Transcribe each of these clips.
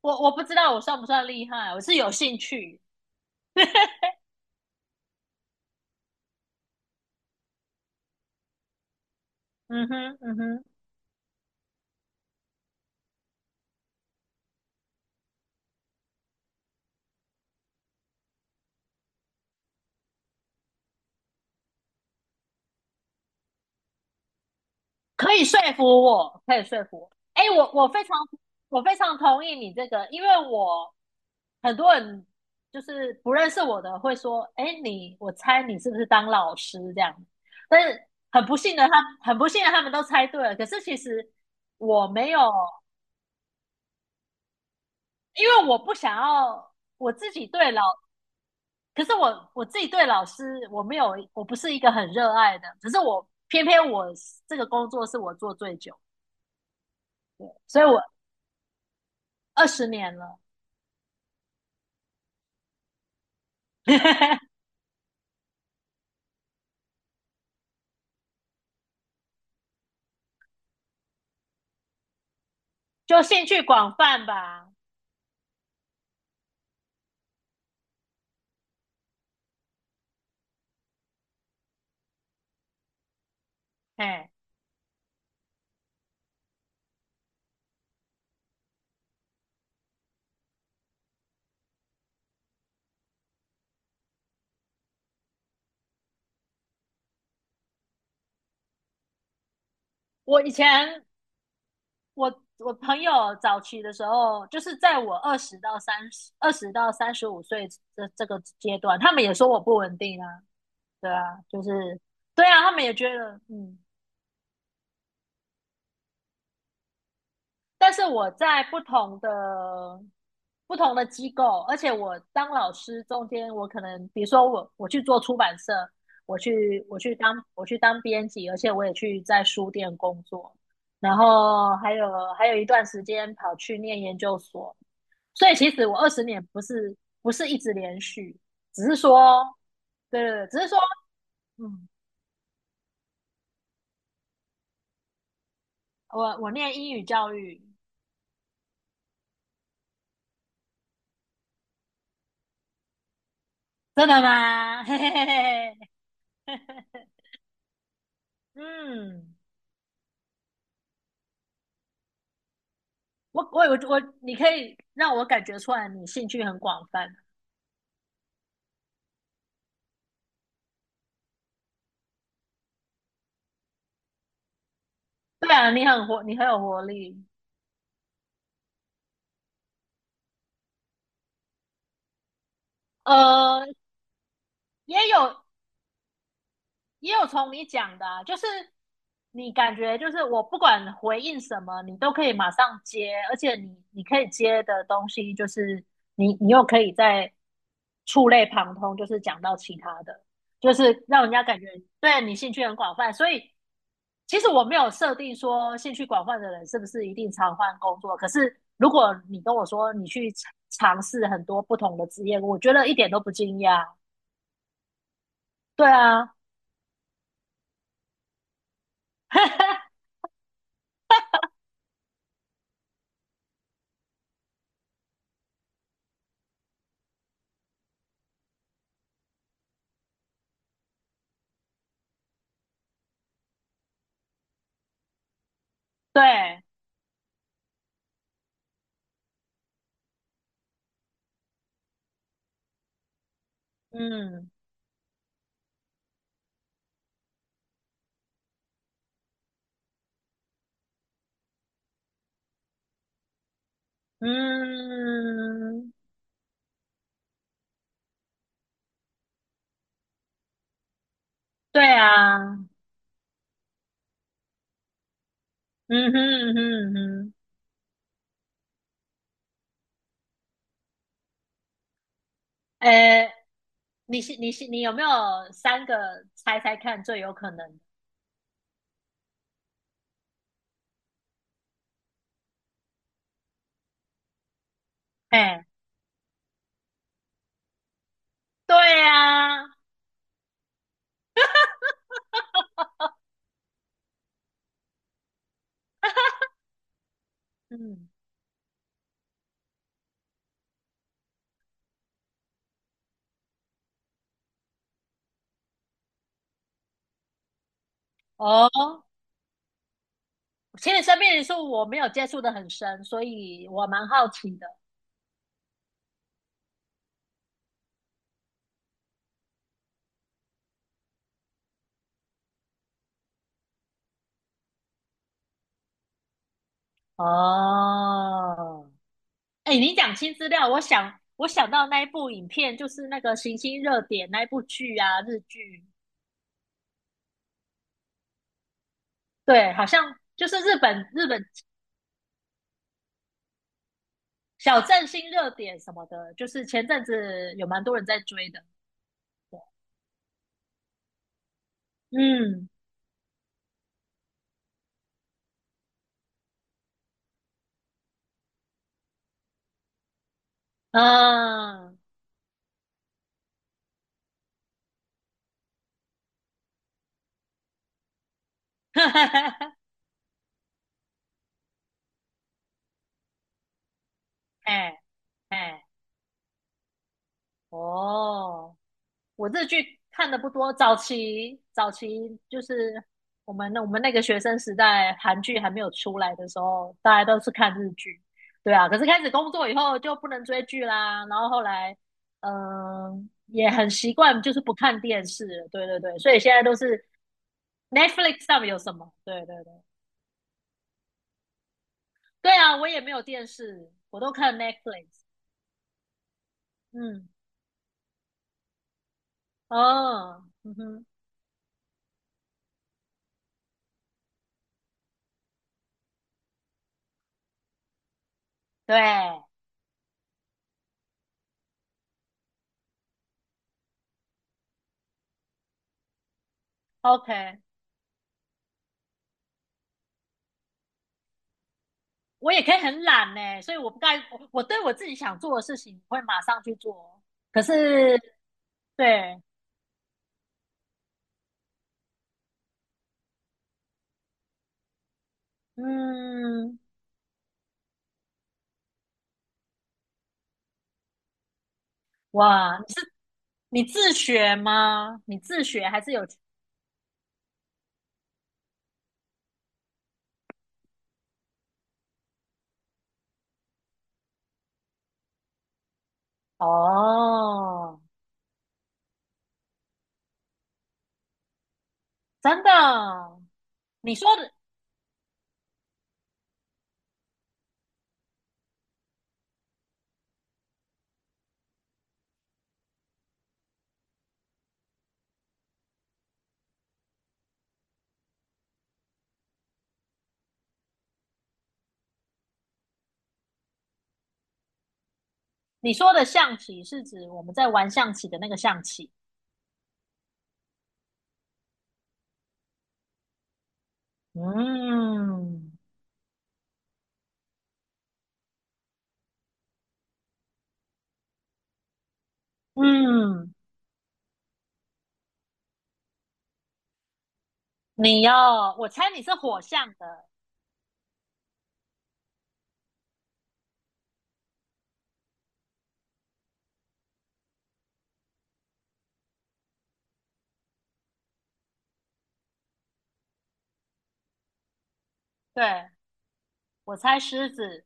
我不知道我算不算厉害，我是有兴趣。嗯哼，嗯哼，可以说服我，可以说服我。哎，我非常同意你这个，因为我很多人就是不认识我的会说，哎，我猜你是不是当老师这样？但是很不幸的他们都猜对了。可是其实我没有，因为我不想要我自己，可是我自己对老师，我没有，我不是一个很热爱的，可是我偏偏，我这个工作是我做最久，所以我 二十年了 就兴趣广泛吧。哎，我以前我朋友早期的时候，就是在我二十到三十、20到35岁这个阶段，他们也说我不稳定啊，对啊，就是对啊，他们也觉得嗯。但是我在不同的机构，而且我当老师中间，我可能比如说我去做出版社，我去当编辑，而且我也去在书店工作，然后还有一段时间跑去念研究所，所以其实我二十年不是一直连续，只是说，对对对，只是说，嗯，我念英语教育，真的吗？嘿嘿嘿嘿，嗯。我我我我，你可以让我感觉出来你兴趣很广泛。对啊，你很活，你很有活力。呃，也有也有从你讲的啊，就是你感觉就是我不管回应什么，你都可以马上接，而且你可以接的东西就是你又可以在触类旁通，就是讲到其他的，就是让人家感觉对你兴趣很广泛。所以其实我没有设定说兴趣广泛的人是不是一定常换工作，可是如果你跟我说你去尝试很多不同的职业，我觉得一点都不惊讶。对啊，对，嗯。嗯，对啊，嗯哼嗯哼嗯哼，诶，你有没有三个猜猜看最有可能的？哎，对啊，嗯，哦，其实生命灵数我没有接触的很深，所以我蛮好奇的。哦，哎，你讲新资料，我想到那一部影片，就是那个《行星热点》那一部剧啊，日剧，对，好像就是日本小镇新热点什么的，就是前阵子有蛮多人在追的。嗯嗯，哎哎哦，我日剧看的不多，早期就是我们那个学生时代，韩剧还没有出来的时候，大家都是看日剧。对啊，可是开始工作以后就不能追剧啦，然后后来,也很习惯就是不看电视了，对对对，所以现在都是 Netflix 上面有什么？对对对，对啊，我也没有电视，我都看 Netflix。嗯，哦，嗯哼，对，OK,我也可以很懒呢，所以我不该我对我自己想做的事情会马上去做。可是，对，嗯，哇，你自学吗？你自学还是有？哦，真的，你说的你说的象棋是指我们在玩象棋的那个象棋。嗯嗯，你要，我猜你是火象的，对，我猜狮子，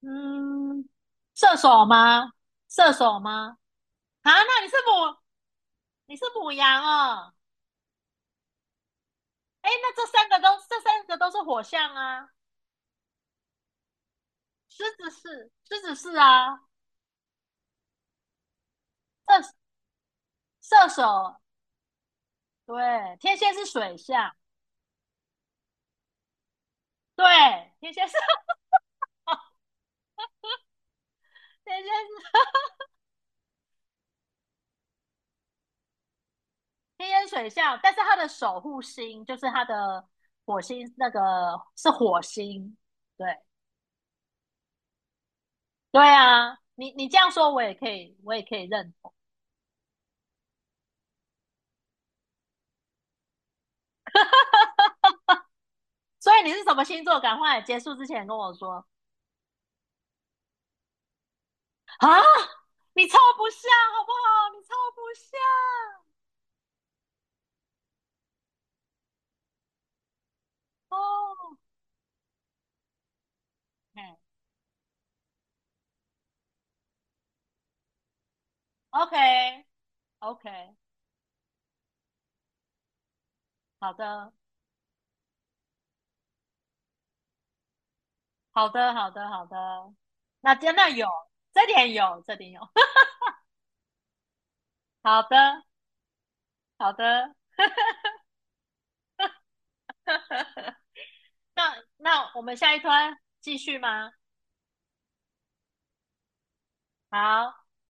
嗯，射手吗？射手吗？啊，那你是母，你是母羊哦，哎，那这三个都，这三个都是火象啊，狮子是啊，射射手，对，天蝎是水象，对，天蝎是 天蝎是天烟水象，但是他的守护星就是他的火星，那个是火星。对对啊，你这样说，我也可以认同。所以你是什么星座？赶快结束之前跟我说啊！你超不下，好不好？你超不下哦。嗯，OK OK,好的，好的，好的，好的。那真的有，这点有，这点有。好的，好的。那我们下一段继续吗？好。